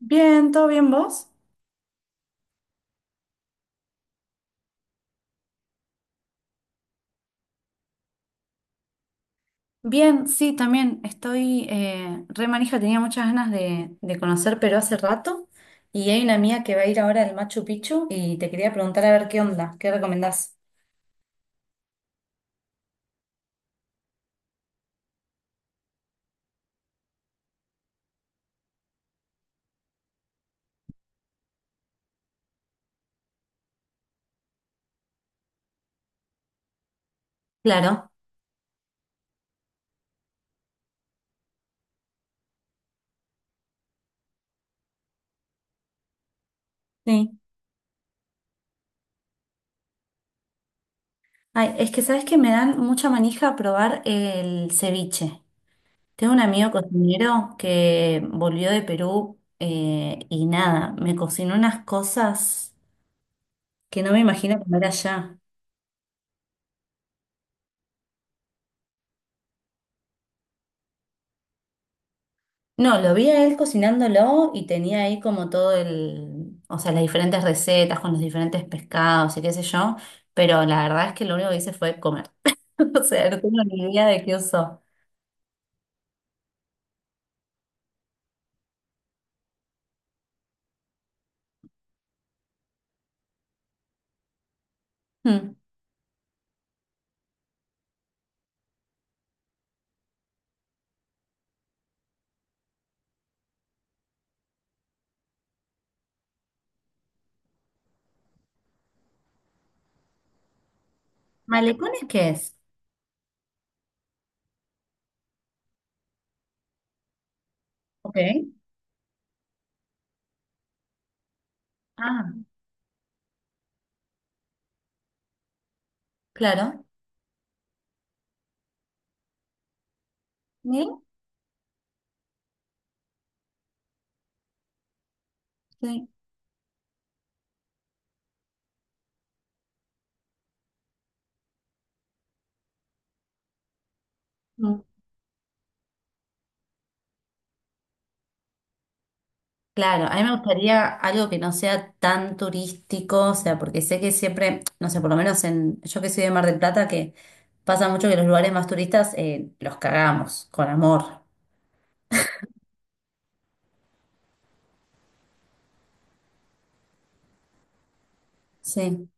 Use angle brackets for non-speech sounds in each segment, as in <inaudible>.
Bien, ¿todo bien vos? Bien, sí, también estoy re manija, tenía muchas ganas de conocer Perú hace rato y hay una mía que va a ir ahora al Machu Picchu y te quería preguntar a ver qué onda, qué recomendás. Claro, sí. Ay, es que sabes que me dan mucha manija probar el ceviche. Tengo un amigo cocinero que volvió de Perú, y nada, me cocinó unas cosas que no me imagino comer allá. No, lo vi a él cocinándolo y tenía ahí como todo el, o sea, las diferentes recetas con los diferentes pescados y qué sé yo, pero la verdad es que lo único que hice fue comer. <laughs> O sea, no tengo ni idea de qué usó. Mm. ¿Malecones qué es? Ok. Ah, claro. ¿Sí? Sí. Mm. Claro, a mí me gustaría algo que no sea tan turístico, o sea, porque sé que siempre, no sé, por lo menos en, yo que soy de Mar del Plata, que pasa mucho que los lugares más turistas, los cagamos, con amor. Sí,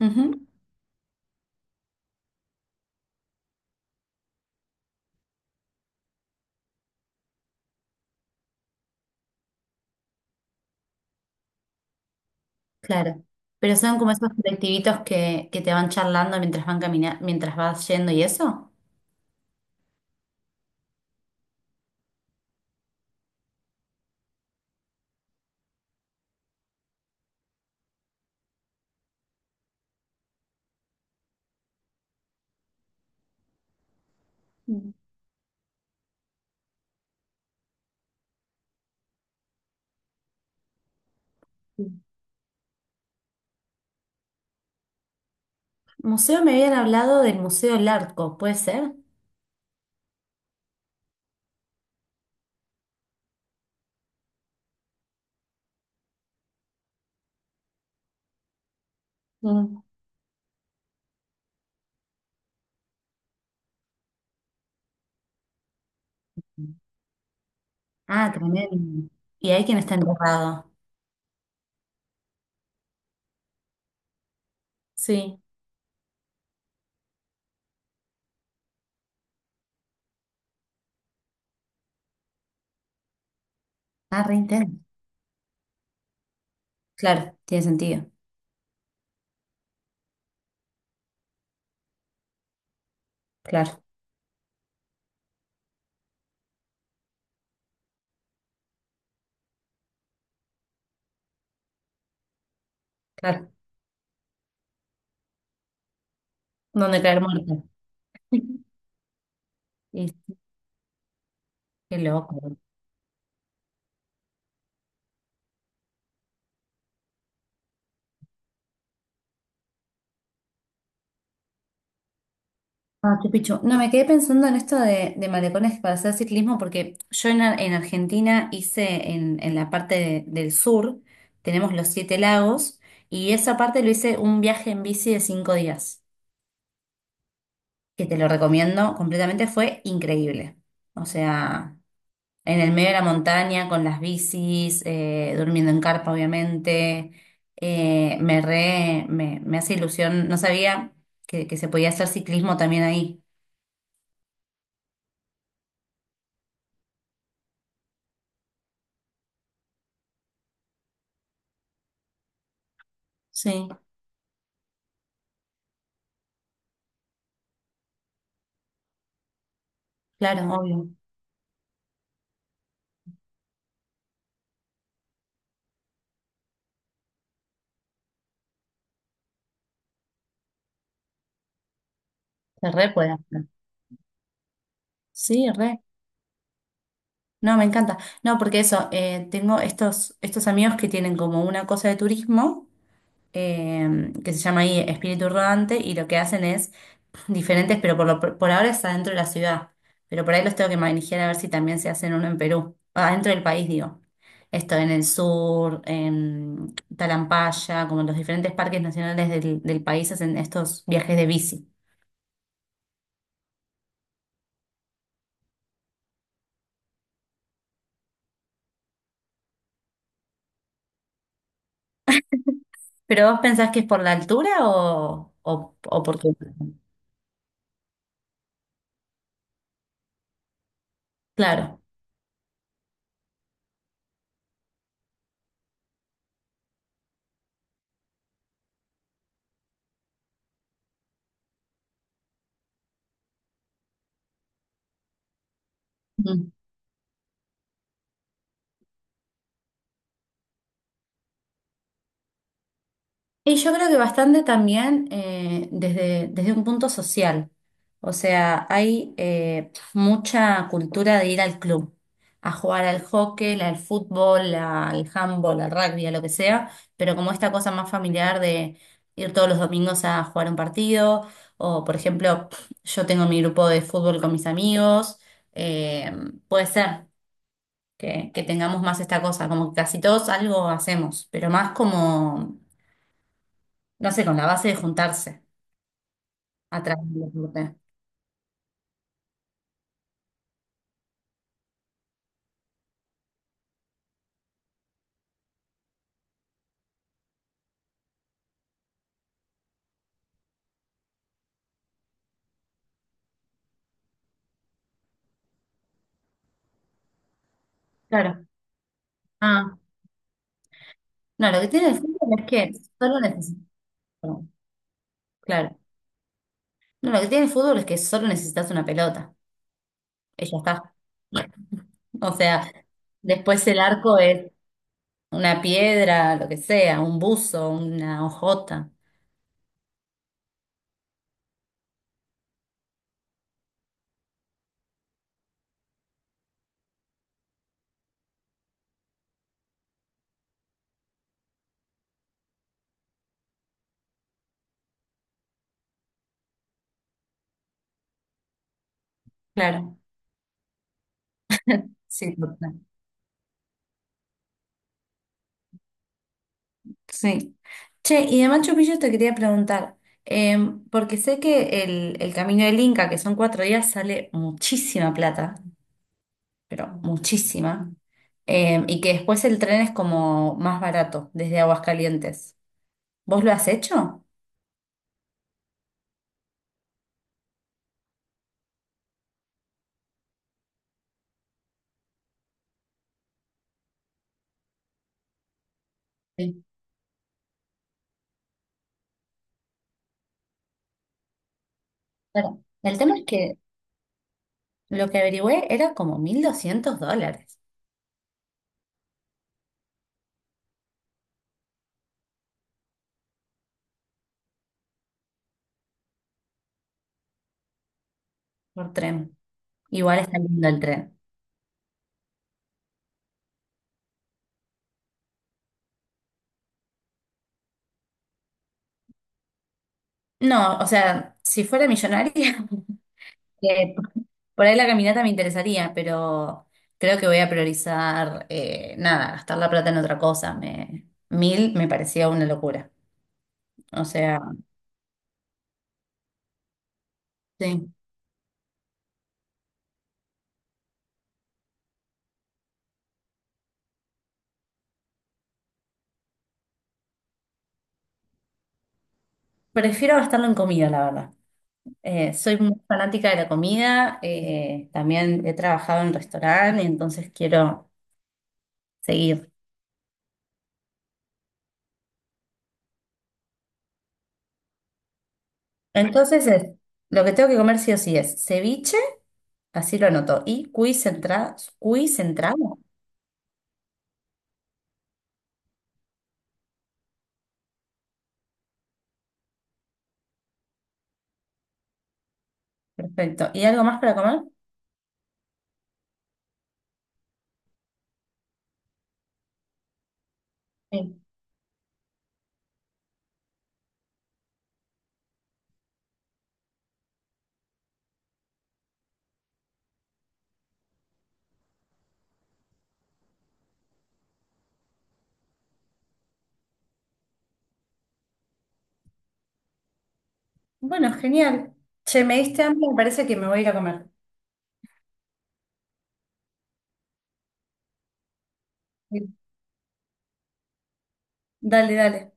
ujú, claro. Pero son como esos colectivitos que te van charlando mientras van caminando, mientras vas yendo y eso. Sí. Museo, me habían hablado del Museo Larco, ¿puede ser? Mm. Ah, tremendo. Y hay quien está enterrado. Sí. Ah, re intenso. Claro, tiene sentido. Claro, claro. Donde caer muerto. <laughs> Y qué loco. Ah, qué pichu. No, me quedé pensando en esto de malecones para hacer ciclismo, porque yo en Argentina hice en la parte del sur, tenemos los siete lagos, y esa parte lo hice un viaje en bici de 5 días, que te lo recomiendo completamente, fue increíble. O sea, en el medio de la montaña, con las bicis, durmiendo en carpa, obviamente. Me hace ilusión, no sabía que se podía hacer ciclismo también ahí. Sí, claro, obvio. Se re puede hacer. Sí, re. No, me encanta. No, porque eso, tengo estos amigos que tienen como una cosa de turismo, que se llama ahí Espíritu Rodante y lo que hacen es diferentes, pero por ahora está dentro de la ciudad. Pero por ahí los tengo que manejar a ver si también se hacen uno en Perú, adentro del país, digo. Esto en el sur, en Talampaya, como en los diferentes parques nacionales del país hacen estos viajes de bici. ¿Pero vos pensás que es por la altura o por qué? Claro. Mm. Y yo creo que bastante también, desde un punto social. O sea, hay mucha cultura de ir al club, a jugar al hockey, al fútbol, al handball, al rugby, a lo que sea, pero como esta cosa más familiar de ir todos los domingos a jugar un partido, o por ejemplo, yo tengo mi grupo de fútbol con mis amigos, eh, puede ser que tengamos más esta cosa, como que casi todos algo hacemos, pero más como no sé, con la base de juntarse atrás del deporte. Claro. Ah, no, lo que tiene el fútbol es que solo necesitas. Claro. No, lo que tiene el fútbol es que solo necesitas una pelota. Y ya está. <laughs> O sea, después el arco es una piedra, lo que sea, un buzo, una hojota. Claro. Sí, total. Sí. Che, y de Machu Picchu te quería preguntar, porque sé que el camino del Inca, que son 4 días, sale muchísima plata. Pero muchísima. Y que después el tren es como más barato desde Aguascalientes. ¿Vos lo has hecho? Sí. Claro. El tema es que lo que averigüé era como 1200 dólares por tren. Igual está lindo el tren. No, o sea, si fuera millonaria, <laughs> eh, por ahí la caminata me interesaría, pero creo que voy a priorizar, nada, gastar la plata en otra cosa. 1000 me parecía una locura. O sea, sí. Prefiero gastarlo en comida, la verdad. Soy muy fanática de la comida, también he trabajado en restaurante, entonces quiero seguir. Entonces, lo que tengo que comer sí o sí es ceviche, así lo anoto, y cuy centrado. Perfecto. ¿Y algo más para comer? Sí. Bueno, genial. Che, me diste hambre, me parece que me voy a ir a comer. Sí. Dale, dale.